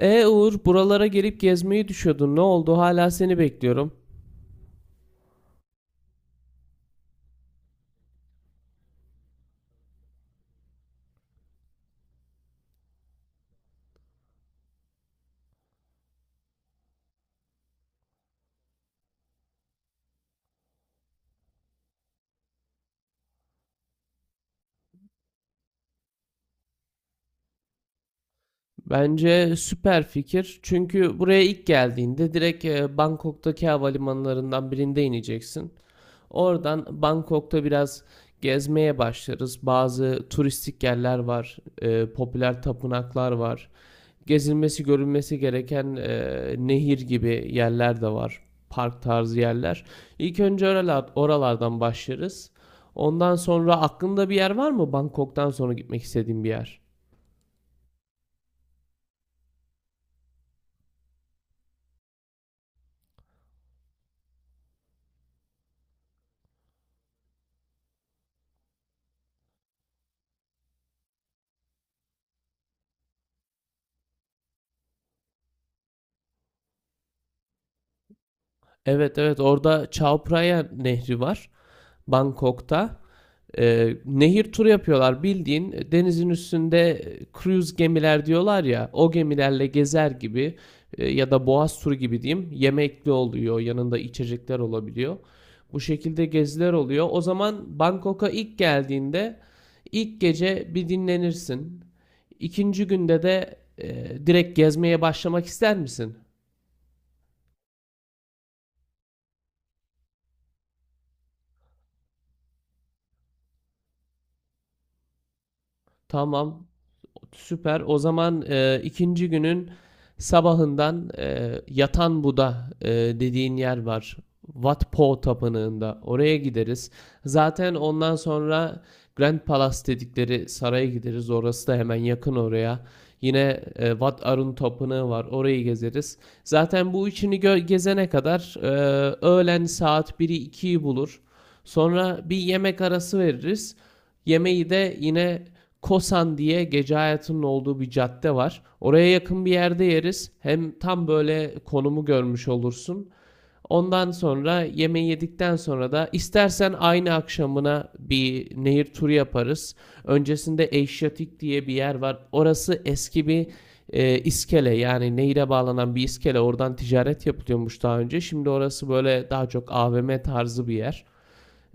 E Uğur, buralara gelip gezmeyi düşüyordun. Ne oldu? Hala seni bekliyorum. Bence süper fikir. Çünkü buraya ilk geldiğinde direkt Bangkok'taki havalimanlarından birinde ineceksin. Oradan Bangkok'ta biraz gezmeye başlarız. Bazı turistik yerler var, popüler tapınaklar var. Gezilmesi, görülmesi gereken nehir gibi yerler de var. Park tarzı yerler. İlk önce oralardan başlarız. Ondan sonra aklında bir yer var mı Bangkok'tan sonra gitmek istediğim bir yer? Evet evet, orada Chao Phraya Nehri var. Bangkok'ta. Nehir turu yapıyorlar bildiğin, denizin üstünde cruise gemiler diyorlar ya, o gemilerle gezer gibi, ya da boğaz turu gibi diyeyim, yemekli oluyor, yanında içecekler olabiliyor. Bu şekilde geziler oluyor. O zaman Bangkok'a ilk geldiğinde ilk gece bir dinlenirsin. İkinci günde de direkt gezmeye başlamak ister misin? Tamam. Süper. O zaman ikinci günün sabahından Yatan Buda dediğin yer var. Wat Po Tapınağı'nda. Oraya gideriz. Zaten ondan sonra Grand Palace dedikleri saraya gideriz. Orası da hemen yakın oraya. Yine Wat Arun Tapınağı var. Orayı gezeriz. Zaten bu üçünü gezene kadar öğlen saat biri ikiyi bulur. Sonra bir yemek arası veririz. Yemeği de yine Kosan diye gece hayatının olduğu bir cadde var. Oraya yakın bir yerde yeriz. Hem tam böyle konumu görmüş olursun. Ondan sonra yemeği yedikten sonra da istersen aynı akşamına bir nehir turu yaparız. Öncesinde Eşyatik diye bir yer var. Orası eski bir, iskele, yani nehire bağlanan bir iskele. Oradan ticaret yapılıyormuş daha önce. Şimdi orası böyle daha çok AVM tarzı bir yer.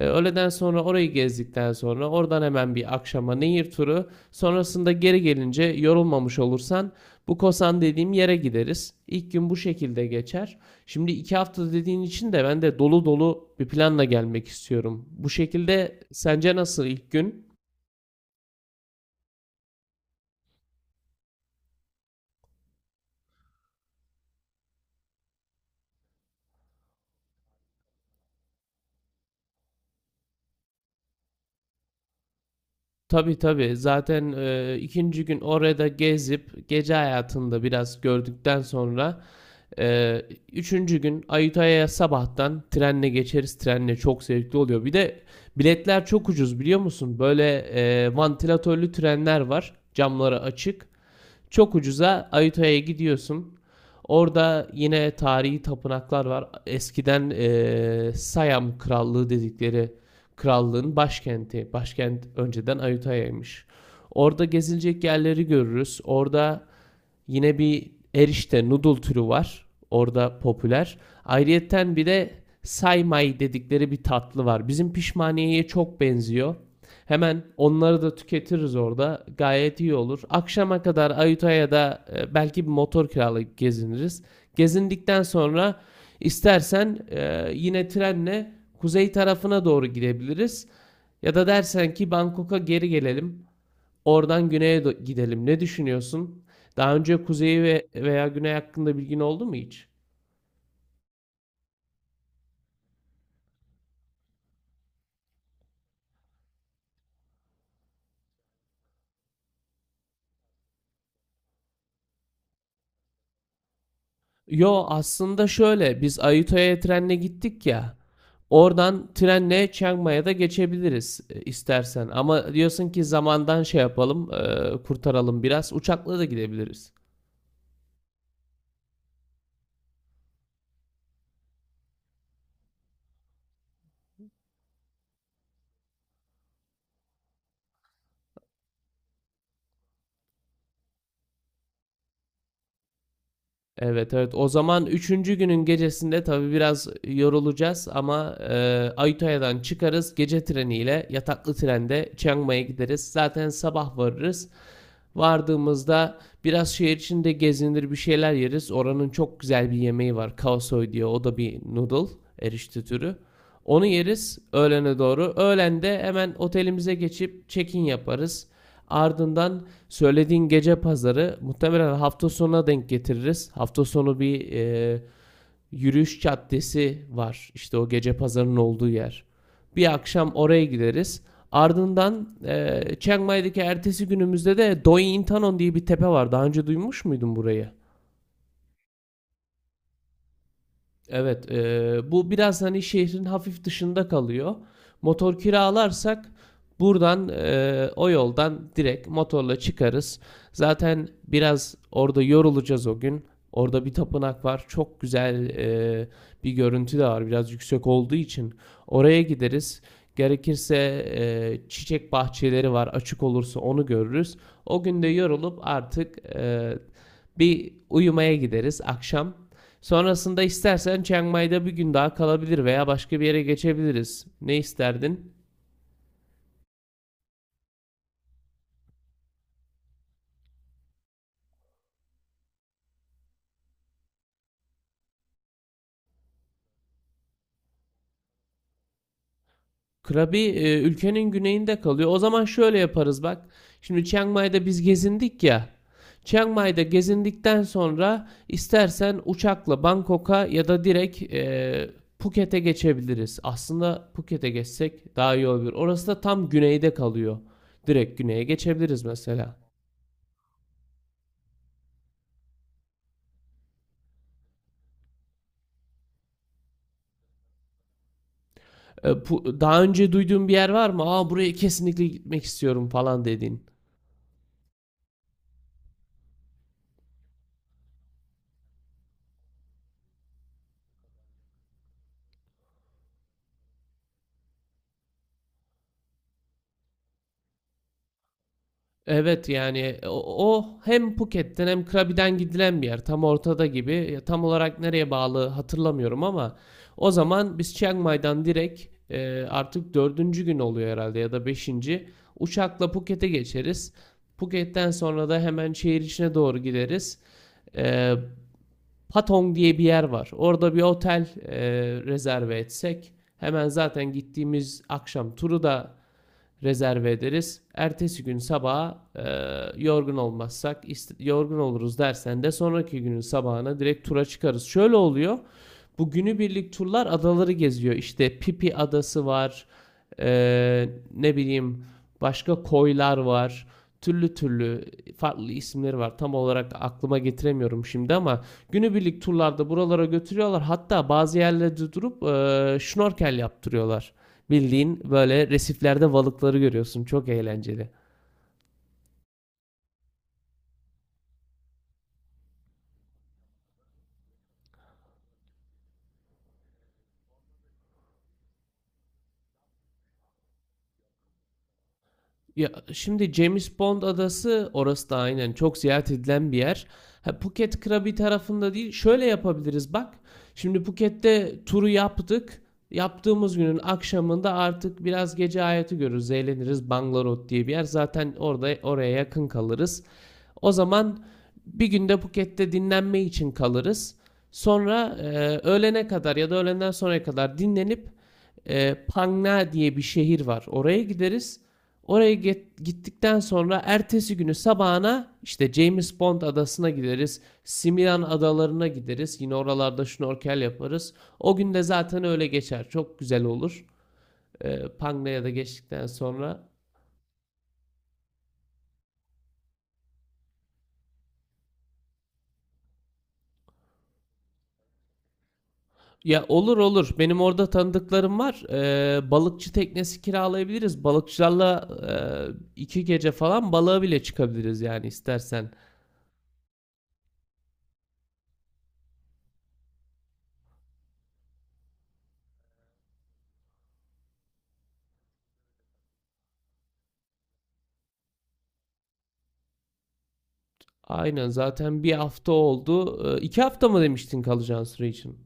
Öğleden sonra orayı gezdikten sonra oradan hemen bir akşama nehir turu. Sonrasında geri gelince yorulmamış olursan bu Kosan dediğim yere gideriz. İlk gün bu şekilde geçer. Şimdi 2 hafta dediğin için de ben de dolu dolu bir planla gelmek istiyorum. Bu şekilde sence nasıl ilk gün? Tabii tabii, zaten ikinci gün orada gezip gece hayatında biraz gördükten sonra Ee, üçüncü gün Ayutthaya'ya sabahtan trenle geçeriz. Trenle çok zevkli oluyor. Bir de biletler çok ucuz, biliyor musun? Böyle vantilatörlü trenler var. Camları açık. Çok ucuza Ayutthaya'ya gidiyorsun. Orada yine tarihi tapınaklar var. Eskiden Siam Krallığı dedikleri krallığın başkenti. Başkent önceden Ayutthaya'ymış. Orada gezilecek yerleri görürüz. Orada yine bir erişte noodle türü var. Orada popüler. Ayrıyeten bir de saymay dedikleri bir tatlı var. Bizim pişmaniyeye çok benziyor. Hemen onları da tüketiriz orada. Gayet iyi olur. Akşama kadar Ayutthaya da belki bir motor kiralayıp geziniriz. Gezindikten sonra istersen yine trenle kuzey tarafına doğru gidebiliriz. Ya da dersen ki Bangkok'a geri gelelim. Oradan güneye gidelim. Ne düşünüyorsun? Daha önce kuzeyi ve veya güney hakkında bilgin oldu mu hiç? Yo, aslında şöyle, biz Ayutthaya trenle gittik ya. Oradan trenle Chiang Mai'ye da geçebiliriz istersen. Ama diyorsun ki zamandan şey yapalım, kurtaralım biraz. Uçakla da gidebiliriz. Evet evet, o zaman üçüncü günün gecesinde tabii biraz yorulacağız ama Ayutthaya'dan çıkarız, gece treniyle yataklı trende Chiang Mai'ye gideriz. Zaten sabah varırız. Vardığımızda biraz şehir içinde gezinir, bir şeyler yeriz. Oranın çok güzel bir yemeği var. Kaosoy diye, o da bir noodle erişte türü. Onu yeriz öğlene doğru. Öğlende hemen otelimize geçip check-in yaparız. Ardından söylediğin gece pazarı muhtemelen hafta sonuna denk getiririz. Hafta sonu bir, yürüyüş caddesi var. İşte o gece pazarının olduğu yer. Bir akşam oraya gideriz. Ardından Chiang Mai'deki ertesi günümüzde de Doi Intanon diye bir tepe var. Daha önce duymuş muydun burayı? Evet, bu biraz hani şehrin hafif dışında kalıyor. Motor kiralarsak buradan o yoldan direkt motorla çıkarız. Zaten biraz orada yorulacağız o gün. Orada bir tapınak var. Çok güzel bir görüntü de var. Biraz yüksek olduğu için oraya gideriz. Gerekirse çiçek bahçeleri var. Açık olursa onu görürüz. O gün de yorulup artık bir uyumaya gideriz akşam. Sonrasında istersen Chiang Mai'de bir gün daha kalabilir veya başka bir yere geçebiliriz. Ne isterdin? Krabi ülkenin güneyinde kalıyor. O zaman şöyle yaparız bak. Şimdi Chiang Mai'de biz gezindik ya. Chiang Mai'de gezindikten sonra istersen uçakla Bangkok'a ya da direkt Phuket'e geçebiliriz. Aslında Phuket'e geçsek daha iyi olur. Orası da tam güneyde kalıyor. Direkt güneye geçebiliriz mesela. E, Daha önce duyduğun bir yer var mı? Aa, buraya kesinlikle gitmek istiyorum falan dediğin. Evet yani, o hem Phuket'ten hem Krabi'den gidilen bir yer. Tam ortada gibi. Ya, tam olarak nereye bağlı hatırlamıyorum ama o zaman biz Chiang Mai'dan direkt, artık dördüncü gün oluyor herhalde ya da beşinci. Uçakla Phuket'e geçeriz. Phuket'ten sonra da hemen şehir içine doğru gideriz. E, Patong diye bir yer var. Orada bir otel rezerve etsek, hemen zaten gittiğimiz akşam turu da rezerve ederiz. Ertesi gün sabaha yorgun olmazsak, yorgun oluruz dersen de sonraki günün sabahına direkt tura çıkarız. Şöyle oluyor. Bu günübirlik turlar adaları geziyor. İşte Pipi adası var. e, Ne bileyim, başka koylar var. Türlü türlü farklı isimleri var. Tam olarak aklıma getiremiyorum şimdi ama günübirlik turlarda buralara götürüyorlar. Hatta bazı yerlerde durup şnorkel yaptırıyorlar. Bildiğin böyle resiflerde balıkları görüyorsun. Çok eğlenceli. Ya, şimdi James Bond adası, orası da aynen çok ziyaret edilen bir yer. Ha, Phuket Krabi tarafında değil. Şöyle yapabiliriz bak. Şimdi Phuket'te turu yaptık. Yaptığımız günün akşamında artık biraz gece hayatı görürüz. Eğleniriz. Bangalore diye bir yer. Zaten orada, oraya yakın kalırız. O zaman bir günde Phuket'te dinlenme için kalırız. Sonra öğlene kadar ya da öğlenden sonraya kadar dinlenip Phang Nga diye bir şehir var. Oraya gideriz. Oraya gittikten sonra ertesi günü sabahına işte James Bond adasına gideriz. Similan adalarına gideriz. Yine oralarda şnorkel yaparız. O gün de zaten öyle geçer. Çok güzel olur. Panga'ya da geçtikten sonra. Ya olur olur. Benim orada tanıdıklarım var. Balıkçı teknesi kiralayabiliriz. Balıkçılarla 2 gece falan balığa bile çıkabiliriz yani, istersen. Aynen, zaten bir hafta oldu. 2 hafta mı demiştin kalacağın süre için?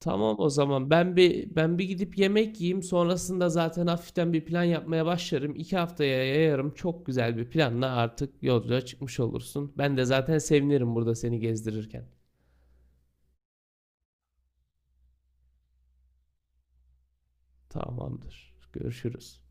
Tamam, o zaman ben bir gidip yemek yiyeyim, sonrasında zaten hafiften bir plan yapmaya başlarım. 2 haftaya yayarım, çok güzel bir planla artık yolculuğa çıkmış olursun. Ben de zaten sevinirim burada seni gezdirirken. Tamamdır. Görüşürüz.